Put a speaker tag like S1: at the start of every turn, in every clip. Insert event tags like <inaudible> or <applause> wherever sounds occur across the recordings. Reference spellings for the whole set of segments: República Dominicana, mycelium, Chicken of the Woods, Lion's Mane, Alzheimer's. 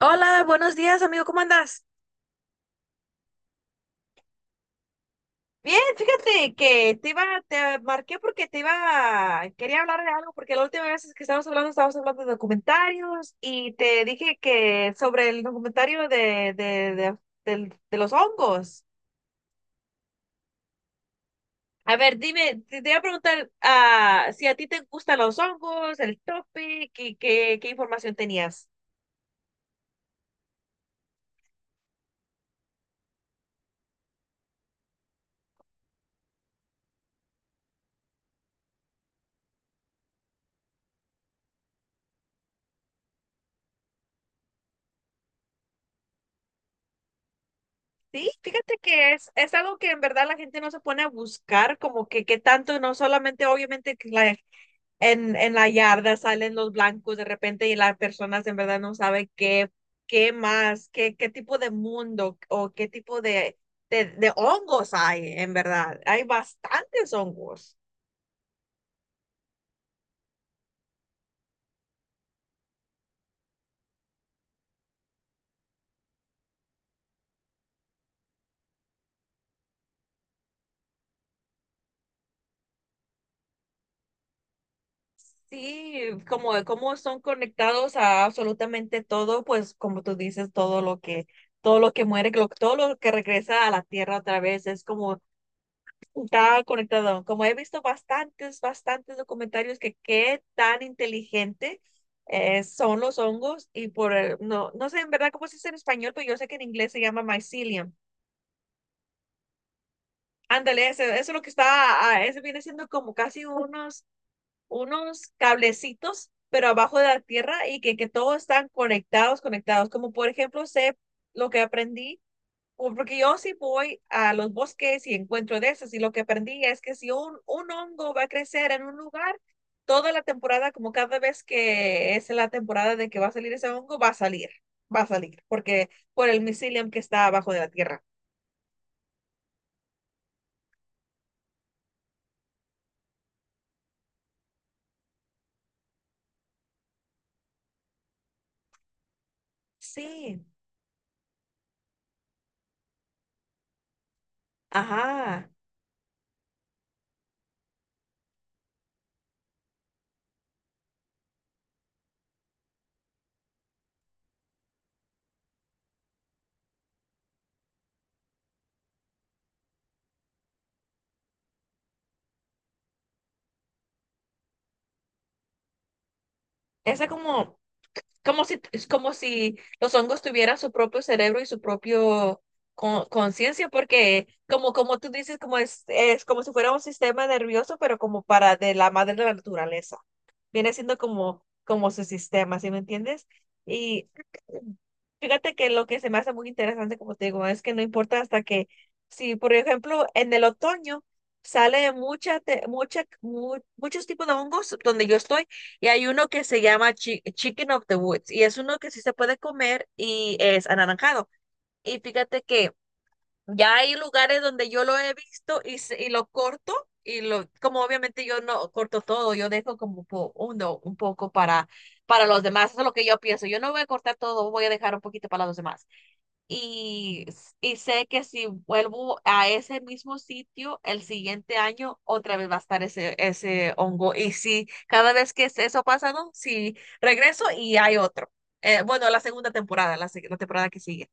S1: Hola, buenos días, amigo, ¿cómo andas? Bien, fíjate que te iba, te marqué porque te iba, quería hablar de algo, porque la última vez que estábamos hablando de documentarios y te dije que sobre el documentario de, de los hongos. A ver, dime, te iba a preguntar si a ti te gustan los hongos, el topic y qué información tenías. Sí, fíjate que es algo que en verdad la gente no se pone a buscar, como que tanto, no solamente obviamente que en la yarda salen los blancos de repente y las personas en verdad no saben qué tipo de mundo o qué tipo de hongos hay, en verdad. Hay bastantes hongos. Sí, como son conectados a absolutamente todo, pues como tú dices, todo lo todo lo que regresa a la tierra otra vez es como está conectado. Como he visto bastantes, bastantes documentarios que qué tan inteligente son los hongos y por, el- no, no sé en verdad cómo se dice en español, pero yo sé que en inglés se llama mycelium. Ándale, eso es lo que está, ese viene siendo como casi unos, unos cablecitos, pero abajo de la tierra y que todos están conectados, conectados. Como por ejemplo, sé lo que aprendí o porque yo sí voy a los bosques y encuentro de esos y lo que aprendí es que si un hongo va a crecer en un lugar, toda la temporada, como cada vez que es la temporada de que va a salir ese hongo, va a salir, porque por el mycelium que está abajo de la tierra. Sí, ajá. Esa como, como si, es como si los hongos tuvieran su propio cerebro y su propio conciencia, porque como, como tú dices, como es como si fuera un sistema nervioso, pero como para de la madre de la naturaleza viene siendo como, como su sistema, ¿sí me entiendes? Y fíjate que lo que se me hace muy interesante, como te digo, es que no importa hasta que, si por ejemplo en el otoño sale mucha, te- mucha, mu- muchos tipos de hongos donde yo estoy y hay uno que se llama Chicken of the Woods y es uno que sí se puede comer y es anaranjado. Y fíjate que ya hay lugares donde yo lo he visto y y lo corto y como obviamente yo no corto todo, yo dejo como un poco para los demás, eso es lo que yo pienso. Yo no voy a cortar todo, voy a dejar un poquito para los demás. Y sé que si vuelvo a ese mismo sitio el siguiente año, otra vez va a estar ese, ese hongo. Y si cada vez que eso pasa, ¿no? Si regreso y hay otro. Bueno, la segunda temporada, la temporada que sigue.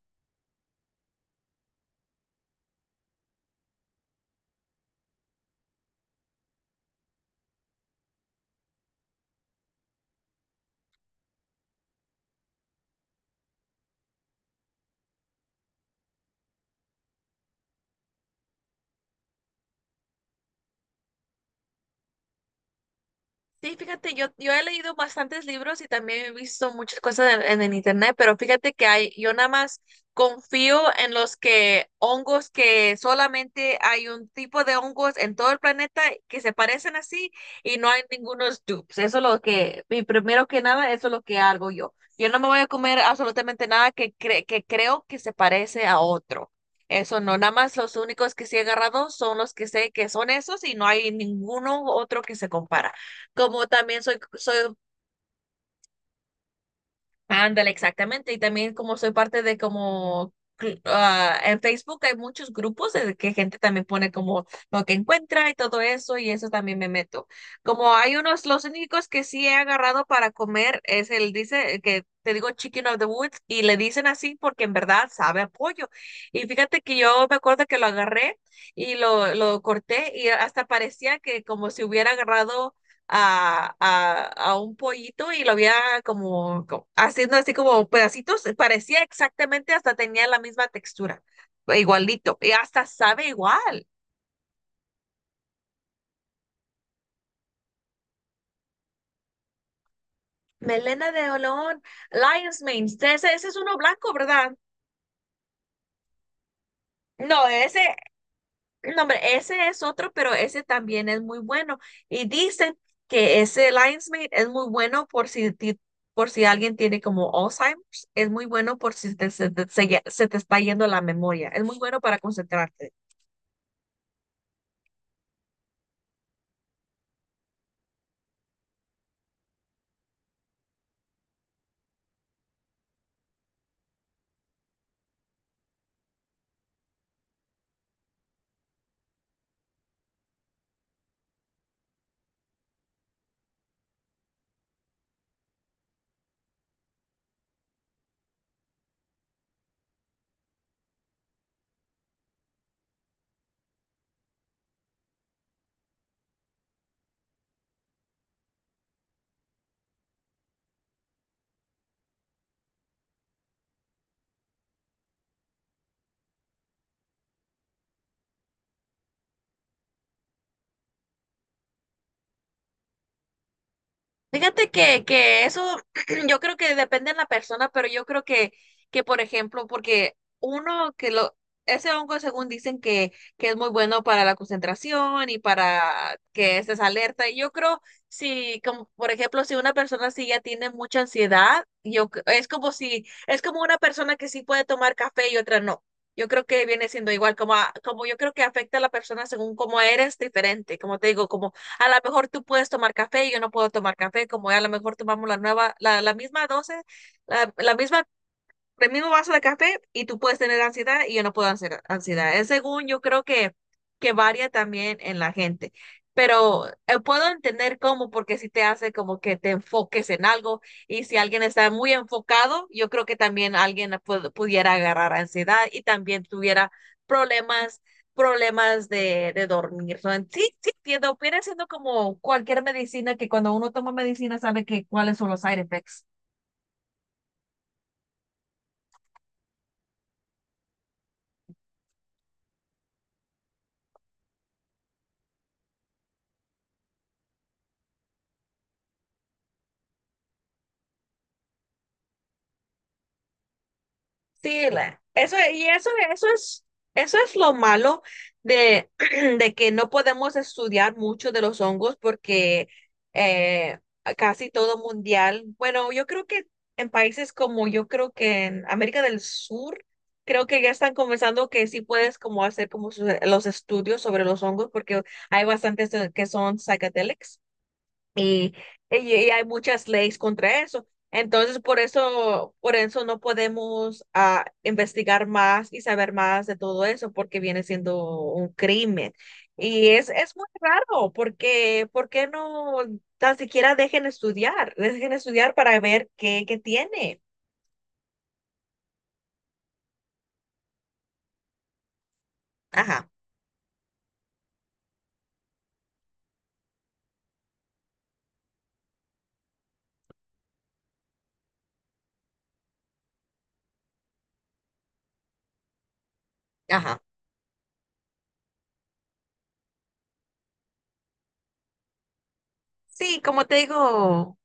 S1: Sí, fíjate, yo he leído bastantes libros y también he visto muchas cosas en el internet, pero fíjate que hay, yo nada más confío en los que hongos que solamente hay un tipo de hongos en todo el planeta que se parecen así y no hay ningunos dupes. Eso es lo que, y primero que nada, eso es lo que hago yo. Yo no me voy a comer absolutamente nada que creo que se parece a otro. Eso no, nada más los únicos que sí he agarrado son los que sé que son esos y no hay ninguno otro que se compara como también soy, ándale, exactamente, y también como soy parte de como, en Facebook hay muchos grupos de que gente también pone como lo que encuentra y todo eso, y eso también me meto. Como hay unos, los únicos que sí he agarrado para comer es el, dice, que te digo Chicken of the Woods, y le dicen así porque en verdad sabe a pollo. Y fíjate que yo me acuerdo que lo agarré y lo corté y hasta parecía que como si hubiera agarrado a, a, a un pollito y lo había como, como haciendo así como pedacitos, parecía exactamente, hasta tenía la misma textura, igualito, y hasta sabe igual. Melena de olón, Lion's Mane, ese es uno blanco, ¿verdad? No, ese, No, hombre, ese es otro, pero ese también es muy bueno. Y dicen que ese Lion's es muy bueno por si alguien tiene como Alzheimer's, es muy bueno por si se se te está yendo la memoria, es muy bueno para concentrarte. Fíjate que eso <clears throat> yo creo que depende de la persona, pero yo creo que por ejemplo, porque ese hongo según dicen que es muy bueno para la concentración y para que estés alerta. Y yo creo si, como por ejemplo, si una persona sí ya tiene mucha ansiedad, es como si, es como una persona que sí puede tomar café y otra no. Yo creo que viene siendo igual, como yo creo que afecta a la persona según cómo eres diferente, como te digo, como a lo mejor tú puedes tomar café y yo no puedo tomar café, como ya a lo mejor tomamos la misma dosis, la misma el mismo vaso de café y tú puedes tener ansiedad y yo no puedo hacer ansiedad. Es según yo creo que varía también en la gente. Pero puedo entender cómo, porque si te hace como que te enfoques en algo y si alguien está muy enfocado, yo creo que también alguien pudiera agarrar ansiedad y también tuviera problemas, problemas de dormir. So, sí, sí, entiendo, viene siendo como cualquier medicina que cuando uno toma medicina sabe que cuáles son los side effects. Sí, la- eso, y eso, eso es, Eso es lo malo de, <clears throat> de que no podemos estudiar mucho de los hongos porque eh, casi todo mundial, bueno, yo creo que en países como yo creo que en América del Sur, creo que ya están comenzando que sí puedes como hacer como los estudios sobre los hongos porque hay bastantes que son psychedelics y, y y hay muchas leyes contra eso. Entonces, por eso no podemos investigar más y saber más de todo eso, porque viene siendo un crimen. Y es muy raro, porque ¿por qué no tan siquiera dejen estudiar? Dejen estudiar para ver qué tiene. Ajá, ajá. Sí, como te digo.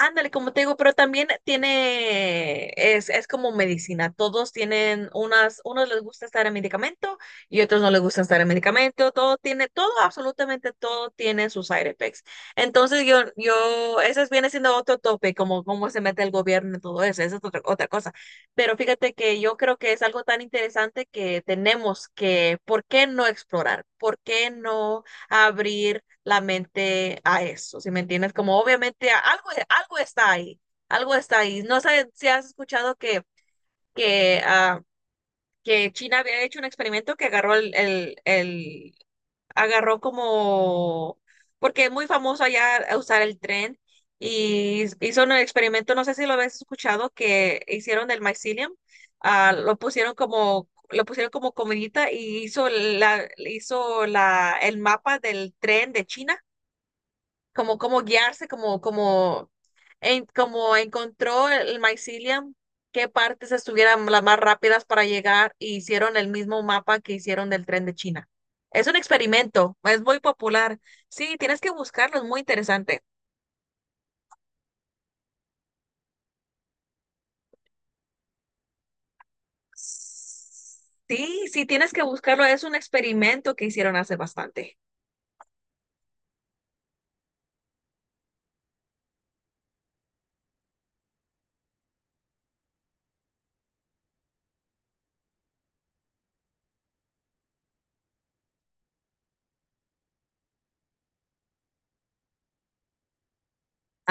S1: Ándale, como te digo, pero también tiene, es como medicina. Todos tienen unas, unos les gusta estar en medicamento y otros no les gusta estar en medicamento. Todo tiene, todo, absolutamente todo tiene sus side effects. Entonces ese viene siendo otro tope, como cómo se mete el gobierno en todo eso. Esa es otra, otra cosa. Pero fíjate que yo creo que es algo tan interesante que tenemos que, ¿por qué no explorar? ¿Por qué no abrir la mente a eso, si me entiendes? Como obviamente algo, algo está ahí, algo está ahí. No sé si has escuchado que, ah, que China había hecho un experimento que agarró agarró como, porque es muy famoso allá a usar el tren y hizo un experimento, no sé si lo habías escuchado, que hicieron del mycelium, lo pusieron como comidita y hizo la el mapa del tren de China como, como guiarse, como, como, como encontró el mycelium, qué partes estuvieran las más rápidas para llegar y hicieron el mismo mapa que hicieron del tren de China. Es un experimento, es muy popular. Sí, tienes que buscarlo, es muy interesante. Sí, sí, tienes que buscarlo, es un experimento que hicieron hace bastante.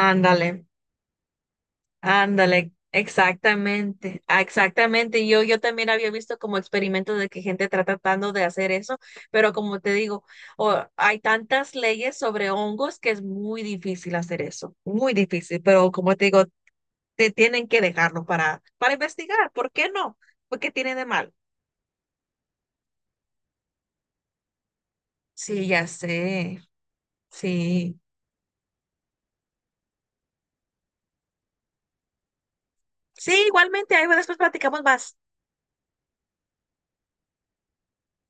S1: Ándale. Ándale, exactamente, exactamente. Yo también había visto como experimentos de que gente está tratando de hacer eso, pero como te digo, hay tantas leyes sobre hongos que es muy difícil hacer eso, muy difícil, pero como te digo, te tienen que dejarlo para investigar, ¿por qué no? ¿Porque tiene de mal? Sí, ya sé, sí. Sí, igualmente, ahí después platicamos más.